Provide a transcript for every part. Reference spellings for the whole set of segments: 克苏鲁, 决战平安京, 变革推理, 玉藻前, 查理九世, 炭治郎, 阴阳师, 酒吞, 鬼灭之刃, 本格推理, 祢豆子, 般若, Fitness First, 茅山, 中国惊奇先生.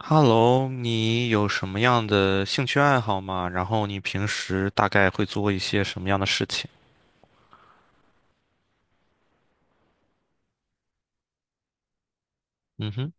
Hello，你有什么样的兴趣爱好吗？然后你平时大概会做一些什么样的事情？嗯哼，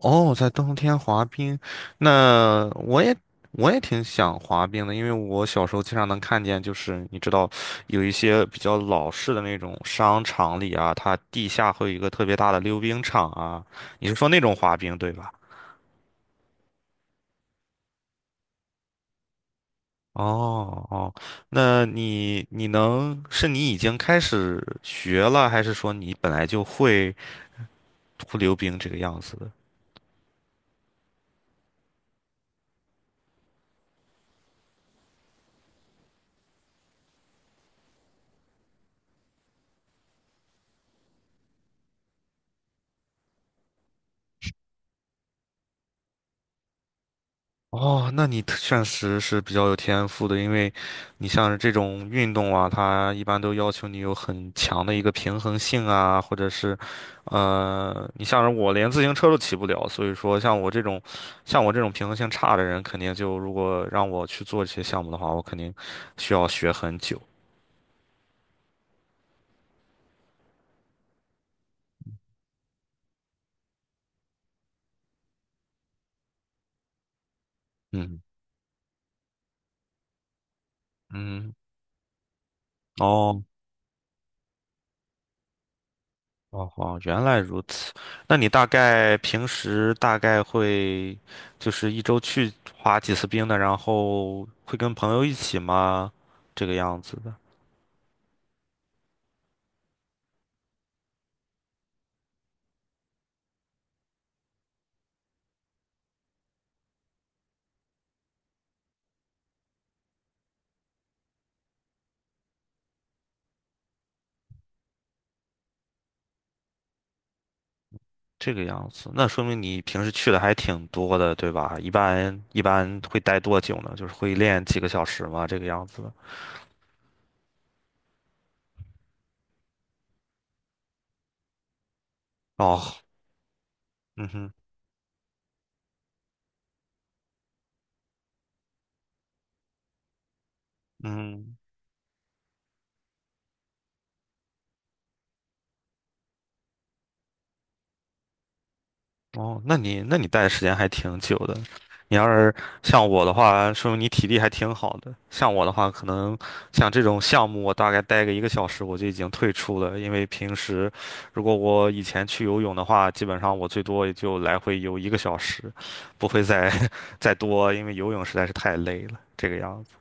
哦，在冬天滑冰，那我也挺想滑冰的，因为我小时候经常能看见，就是你知道，有一些比较老式的那种商场里啊，它地下会有一个特别大的溜冰场啊，你是说那种滑冰对吧？哦哦，那你能是你已经开始学了，还是说你本来就会溜冰这个样子的？哦，那你确实是比较有天赋的，因为你像是这种运动啊，它一般都要求你有很强的一个平衡性啊，或者是，你像是我连自行车都骑不了，所以说像我这种平衡性差的人，肯定就如果让我去做这些项目的话，我肯定需要学很久。嗯嗯。哦，哦哦，原来如此。那你大概平时大概会就是一周去滑几次冰的，然后会跟朋友一起吗？这个样子的，这个样子，那说明你平时去的还挺多的，对吧？一般会待多久呢？就是会练几个小时吗？这个样子的。哦，嗯哼，嗯。哦，那你待的时间还挺久的。你要是像我的话，说明你体力还挺好的。像我的话，可能像这种项目，我大概待个一个小时我就已经退出了，因为平时如果我以前去游泳的话，基本上我最多也就来回游一个小时，不会再 再多，因为游泳实在是太累了，这个样子。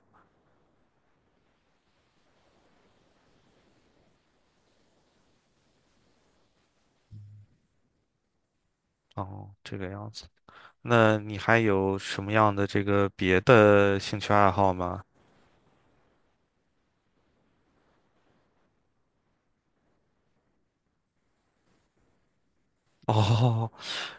哦，这个样子。那你还有什么样的这个别的兴趣爱好吗？哦，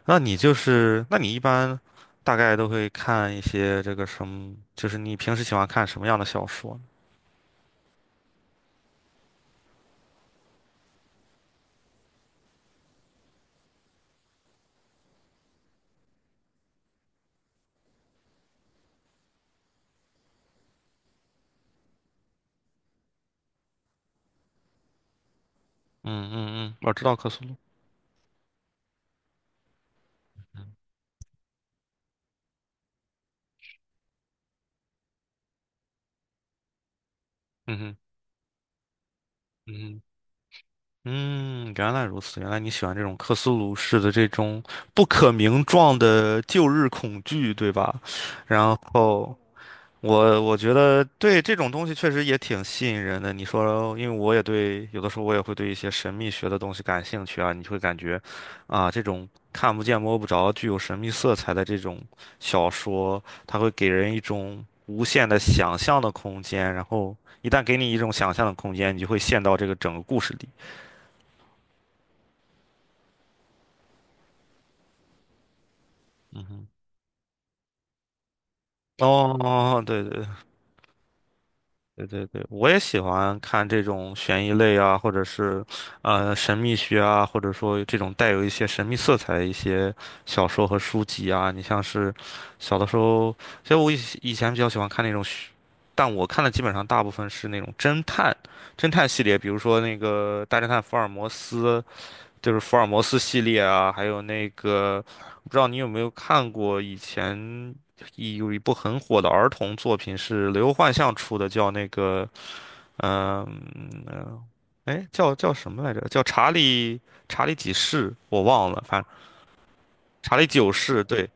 那你一般大概都会看一些这个什么，就是你平时喜欢看什么样的小说呢？嗯嗯嗯，我知道克苏鲁。嗯嗯嗯哼，嗯，原来如此，原来你喜欢这种克苏鲁式的这种不可名状的旧日恐惧，对吧？然后，我觉得对这种东西确实也挺吸引人的。你说，因为我也对，有的时候我也会对一些神秘学的东西感兴趣啊，你会感觉，啊，这种看不见摸不着、具有神秘色彩的这种小说，它会给人一种无限的想象的空间。然后一旦给你一种想象的空间，你就会陷到这个整个故事里。哦，对对，对对对，我也喜欢看这种悬疑类啊，或者是，神秘学啊，或者说这种带有一些神秘色彩的一些小说和书籍啊。你像是小的时候，其实我以前比较喜欢看那种但我看的基本上大部分是那种侦探，侦探系列，比如说那个《大侦探福尔摩斯》就是福尔摩斯系列啊，还有那个，不知道你有没有看过以前有一部很火的儿童作品是刘幻象出的，叫那个，嗯、呃，哎，叫什么来着？叫查理几世，我忘了，反正查理九世，对。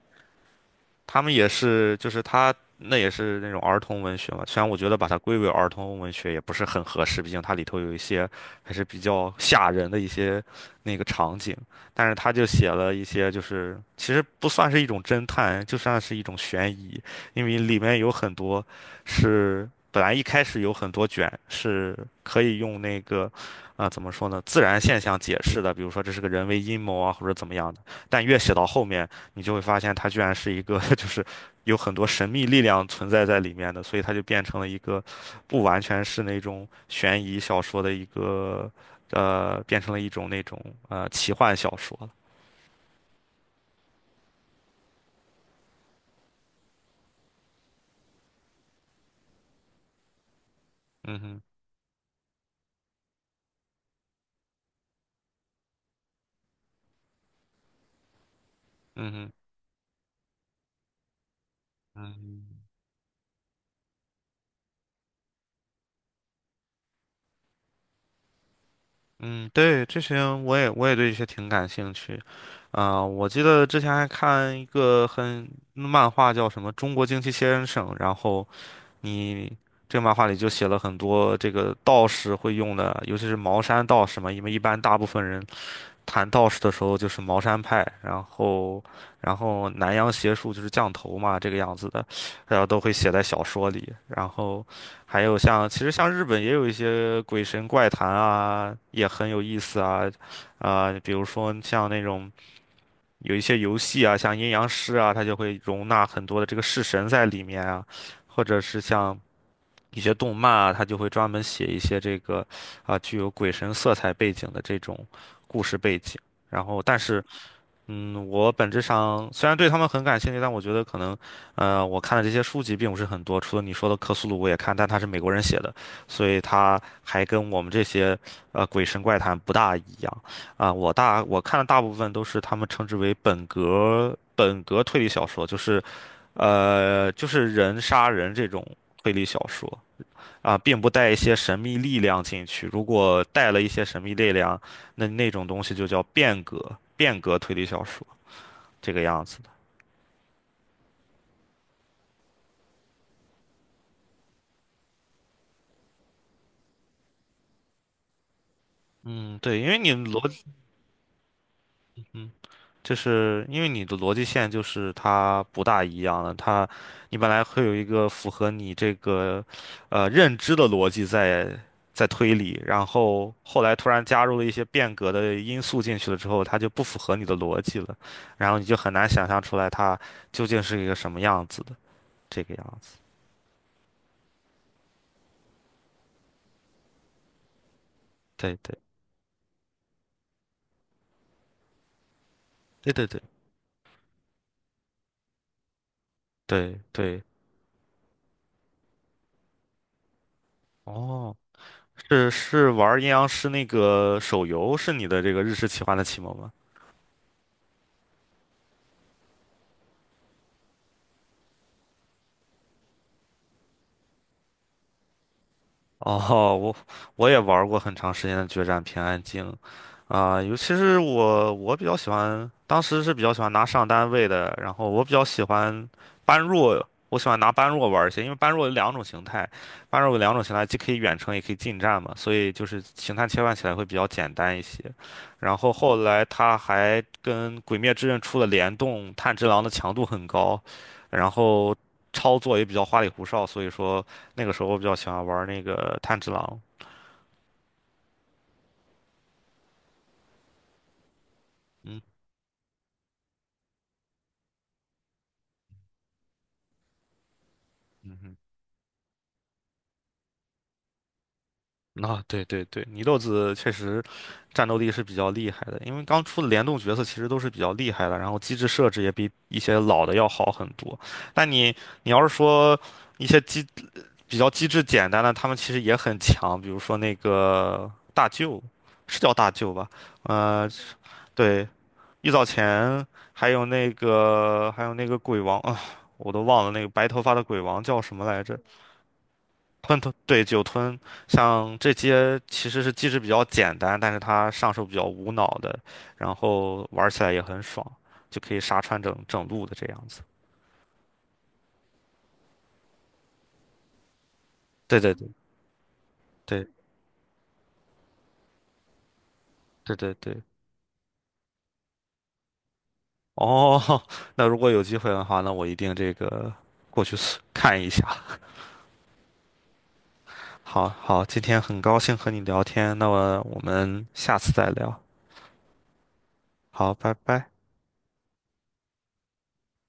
他们也是，就是他那也是那种儿童文学嘛。虽然我觉得把它归为儿童文学也不是很合适，毕竟它里头有一些还是比较吓人的一些那个场景，但是他就写了一些，就是其实不算是一种侦探，就算是一种悬疑，因为里面有很多是本来一开始有很多卷是可以用那个。啊，怎么说呢？自然现象解释的，比如说这是个人为阴谋啊，或者怎么样的。但越写到后面，你就会发现它居然是一个 就是有很多神秘力量存在在里面的，所以它就变成了一个不完全是那种悬疑小说的一个变成了一种那种奇幻小说了。嗯哼，嗯哼，嗯哼嗯，对，这些我也对这些挺感兴趣，啊、我记得之前还看一个漫画叫什么《中国惊奇先生》，然后你这个漫画里就写了很多这个道士会用的，尤其是茅山道士嘛，因为一般大部分人谈道士的时候就是茅山派，然后南洋邪术就是降头嘛，这个样子的，然后都会写在小说里。然后还有像其实像日本也有一些鬼神怪谈啊，也很有意思啊，啊、比如说像那种。有一些游戏啊，像阴阳师啊，它就会容纳很多的这个式神在里面啊，或者是像一些动漫啊，他就会专门写一些这个啊具有鬼神色彩背景的这种故事背景。然后，但是，我本质上虽然对他们很感兴趣，但我觉得可能，我看的这些书籍并不是很多。除了你说的《克苏鲁》，我也看，但它是美国人写的，所以它还跟我们这些鬼神怪谈不大一样。啊、我看的大部分都是他们称之为本格推理小说，就是人杀人这种推理小说。啊，并不带一些神秘力量进去。如果带了一些神秘力量，那种东西就叫变革推理小说这个样子的。嗯，对，因为你逻，嗯，就是因为你的逻辑线就是它不大一样了。你本来会有一个符合你这个，认知的逻辑在推理，然后后来突然加入了一些变革的因素进去了之后，它就不符合你的逻辑了，然后你就很难想象出来它究竟是一个什么样子的。这个样子。对对对对对对对，哦，是玩阴阳师那个手游是你的这个日式奇幻的启蒙吗？哦，我也玩过很长时间的决战平安京，啊、尤其是我比较喜欢，当时是比较喜欢拿上单位的，然后我比较喜欢般若，我喜欢拿般若玩一些，因为般若有两种形态，既可以远程也可以近战嘛，所以就是形态切换起来会比较简单一些。然后后来他还跟《鬼灭之刃》出了联动，炭治郎的强度很高，然后操作也比较花里胡哨，所以说。那个时候我比较喜欢玩那个炭治郎。嗯，啊，对对对，祢豆子确实战斗力是比较厉害的，因为刚出的联动角色其实都是比较厉害的，然后机制设置也比一些老的要好很多。但你要是说一些比较机制简单的，他们其实也很强，比如说那个大舅，是叫大舅吧？呃，对，玉藻前，还有那个鬼王啊，我都忘了那个白头发的鬼王叫什么来着。对，酒吞，像这些其实是机制比较简单，但是它上手比较无脑的，然后玩起来也很爽，就可以杀穿整整路的这样子。对对对对对对对。哦，那如果有机会的话，那我一定这个过去 搜看一下。好好，今天很高兴和你聊天，那么我们下次再聊。好，拜拜。